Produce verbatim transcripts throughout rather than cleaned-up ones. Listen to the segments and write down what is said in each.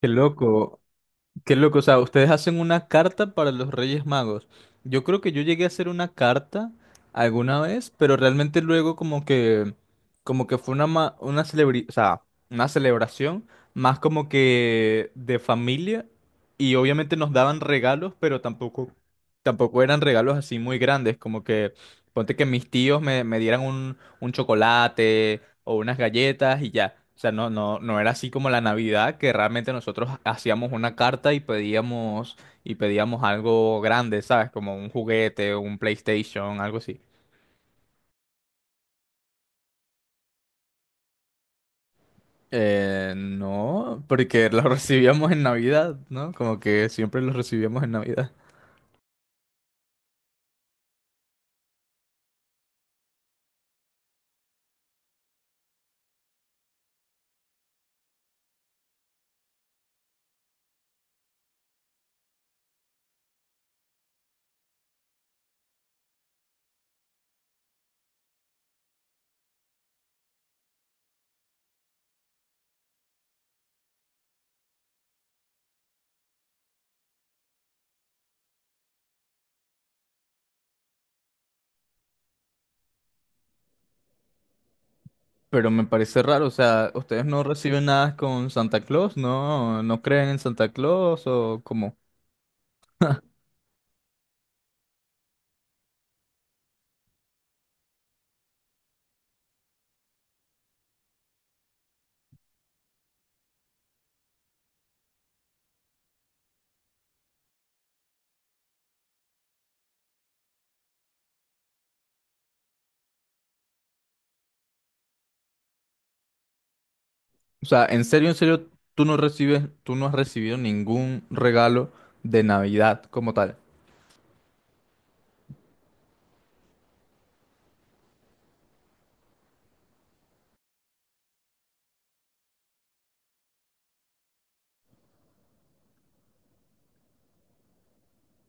Qué loco, qué loco. O sea, ustedes hacen una carta para los Reyes Magos. Yo creo que yo llegué a hacer una carta alguna vez, pero realmente luego como que, como que fue una, ma- una celebri- o sea, una celebración más como que de familia y obviamente nos daban regalos, pero tampoco, tampoco eran regalos así muy grandes, como que ponte que mis tíos me, me dieran un, un chocolate o unas galletas y ya. O sea, no, no, no era así como la Navidad, que realmente nosotros hacíamos una carta y pedíamos, y pedíamos algo grande, ¿sabes? Como un juguete, un PlayStation, algo así. Eh, no, porque lo recibíamos en Navidad, ¿no? Como que siempre lo recibíamos en Navidad. Pero me parece raro, o sea, ¿ustedes no reciben nada con Santa Claus? ¿No, no creen en Santa Claus o cómo? O sea, en serio, en serio, tú no recibes, tú no has recibido ningún regalo de Navidad como tal.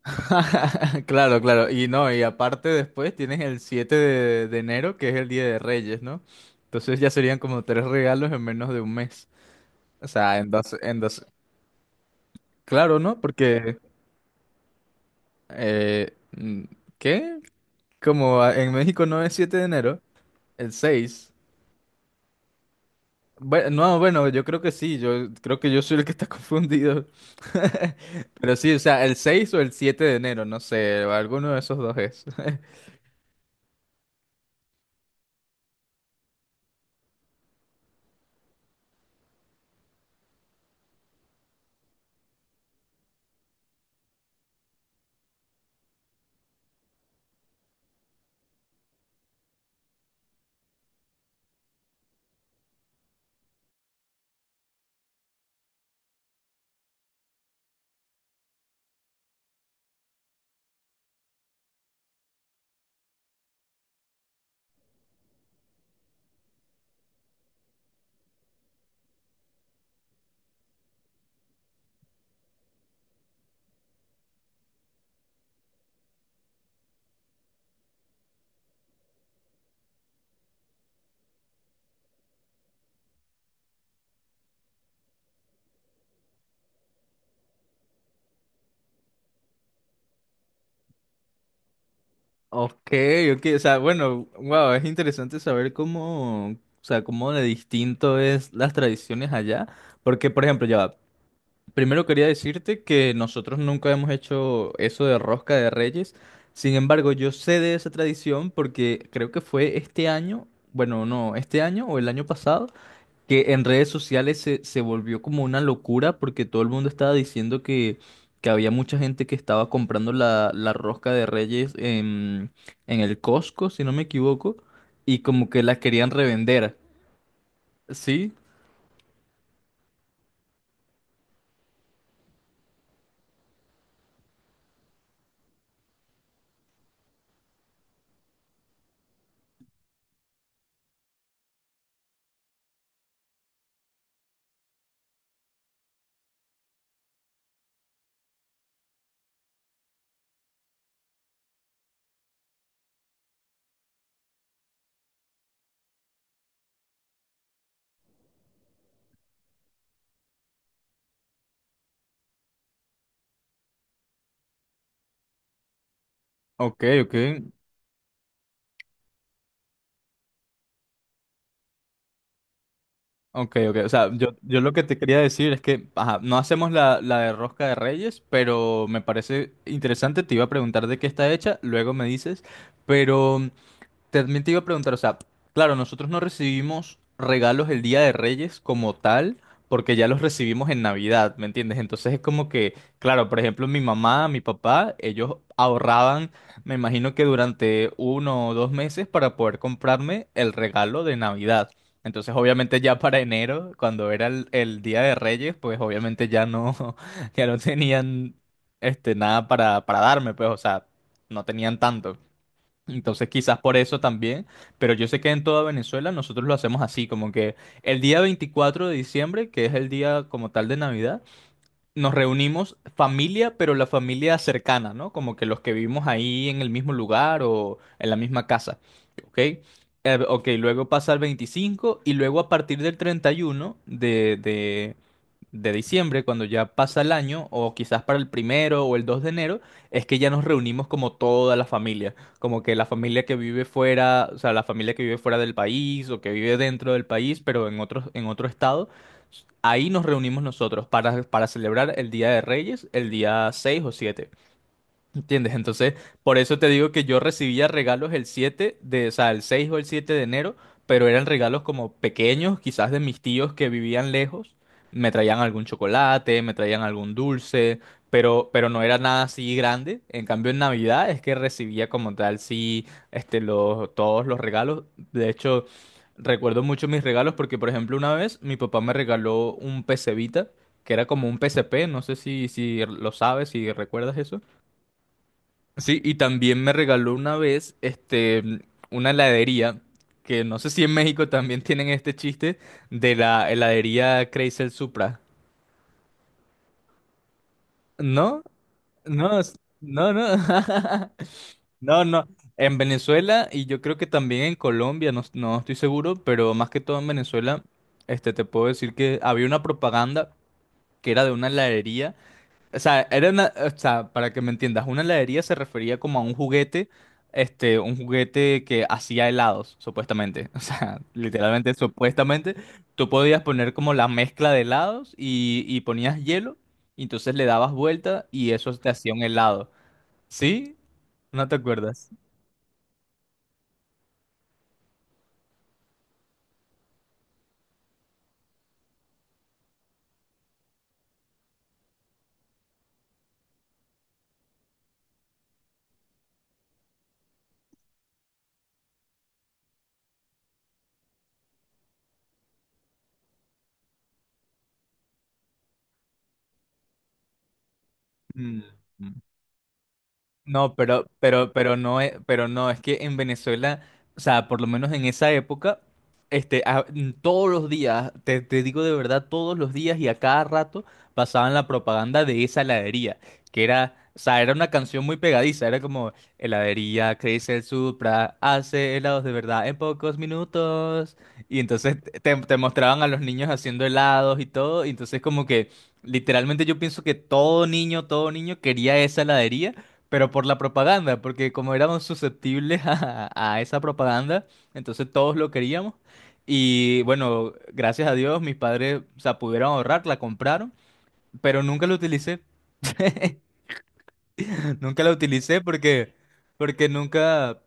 Claro, claro. Y no, y aparte después tienes el siete de, de enero, que es el Día de Reyes, ¿no? Entonces ya serían como tres regalos en menos de un mes. O sea, en dos, en dos. Claro, ¿no? Porque, eh, mm, ¿qué? Como a- en México no es siete de enero, el seis. Bueno, no, bueno, yo creo que sí, yo creo que yo soy el que está confundido. Pero sí, o sea, el seis o el siete de enero, no sé, alguno de esos dos es. Ok, ok, o sea, bueno, wow, es interesante saber cómo, o sea, cómo de distinto es las tradiciones allá, porque por ejemplo, ya va, primero quería decirte que nosotros nunca hemos hecho eso de rosca de reyes, sin embargo, yo sé de esa tradición porque creo que fue este año, bueno, no, este año o el año pasado que en redes sociales se, se volvió como una locura porque todo el mundo estaba diciendo que, que había mucha gente que estaba comprando la, la rosca de Reyes en, en el Costco, si no me equivoco, y como que la querían revender. ¿Sí? Ok, ok. Ok, ok. O sea, yo, yo lo que te quería decir es que, ajá, no hacemos la, la de rosca de Reyes, pero me parece interesante. Te iba a preguntar de qué está hecha, luego me dices, pero... También te iba a preguntar, o sea, claro, nosotros no recibimos regalos el Día de Reyes como tal, porque ya los recibimos en Navidad, ¿me entiendes? Entonces es como que, claro, por ejemplo, mi mamá, mi papá, ellos ahorraban, me imagino que durante uno o dos meses para poder comprarme el regalo de Navidad. Entonces, obviamente ya para enero, cuando era el, el Día de Reyes, pues obviamente ya no, ya no tenían este nada para, para darme, pues, o sea, no tenían tanto. Entonces quizás por eso también, pero yo sé que en toda Venezuela nosotros lo hacemos así, como que el día veinticuatro de diciembre, que es el día como tal de Navidad, nos reunimos familia, pero la familia cercana, ¿no? Como que los que vivimos ahí en el mismo lugar o en la misma casa, ¿ok? Eh, ok, luego pasa el veinticinco y luego a partir del treinta y uno de, de, de diciembre, cuando ya pasa el año, o quizás para el primero o el dos de enero, es que ya nos reunimos como toda la familia, como que la familia que vive fuera, o sea, la familia que vive fuera del país o que vive dentro del país, pero en otro, en otro estado. Ahí nos reunimos nosotros para, para celebrar el Día de Reyes, el día seis o siete. ¿Entiendes? Entonces, por eso te digo que yo recibía regalos el siete de, o sea, el seis o el siete de enero, pero eran regalos como pequeños, quizás de mis tíos que vivían lejos. Me traían algún chocolate, me traían algún dulce, pero, pero, no era nada así grande. En cambio, en Navidad es que recibía como tal, sí, este, los, todos los regalos. De hecho, recuerdo mucho mis regalos porque, por ejemplo, una vez mi papá me regaló un P C Vita, que era como un P S P, no sé si, si lo sabes, si recuerdas eso. Sí, y también me regaló una vez, este, una heladería, que no sé si en México también tienen este chiste de la heladería Crazy El Supra. ¿No? No, es- no, no. No, no. En Venezuela y yo creo que también en Colombia, no, no estoy seguro, pero más que todo en Venezuela, este, te puedo decir que había una propaganda que era de una heladería. O sea, era una, o sea, para que me entiendas, una heladería se refería como a un juguete, este, un juguete que hacía helados, supuestamente. O sea, literalmente, supuestamente, tú podías poner como la mezcla de helados y, y ponías hielo, y entonces le dabas vuelta y eso te hacía un helado. ¿Sí? ¿No te acuerdas? Mm. No, pero, pero, pero no es, pero no, es que en Venezuela, o sea, por lo menos en esa época, este, a- mm, todos los días, te, te digo de verdad, todos los días y a cada rato pasaban la propaganda de esa heladería, que era, o sea, era una canción muy pegadiza, era como, heladería Crazy el Supra hace helados de verdad en pocos minutos, y entonces te, te te mostraban a los niños haciendo helados y todo, y entonces como que, literalmente yo pienso que todo niño, todo niño quería esa heladería pero por la propaganda, porque como éramos susceptibles a, a esa propaganda, entonces todos lo queríamos. Y bueno, gracias a Dios mis padres, o sea, pudieron ahorrar, la compraron, pero nunca lo utilicé. Nunca la utilicé porque, porque nunca,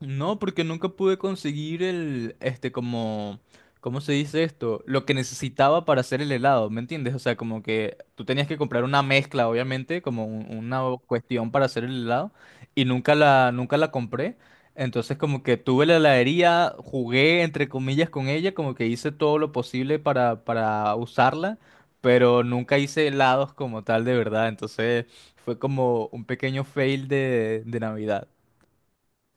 no, porque nunca pude conseguir el, este, como, ¿cómo se dice esto? Lo que necesitaba para hacer el helado, ¿me entiendes? O sea, como que tú tenías que comprar una mezcla, obviamente, como un- una cuestión para hacer el helado, y nunca la, nunca la compré. Entonces, como que tuve la heladería, jugué, entre comillas, con ella, como que hice todo lo posible para, para usarla, pero nunca hice helados como tal, de verdad, entonces... Fue como un pequeño fail de, de Navidad.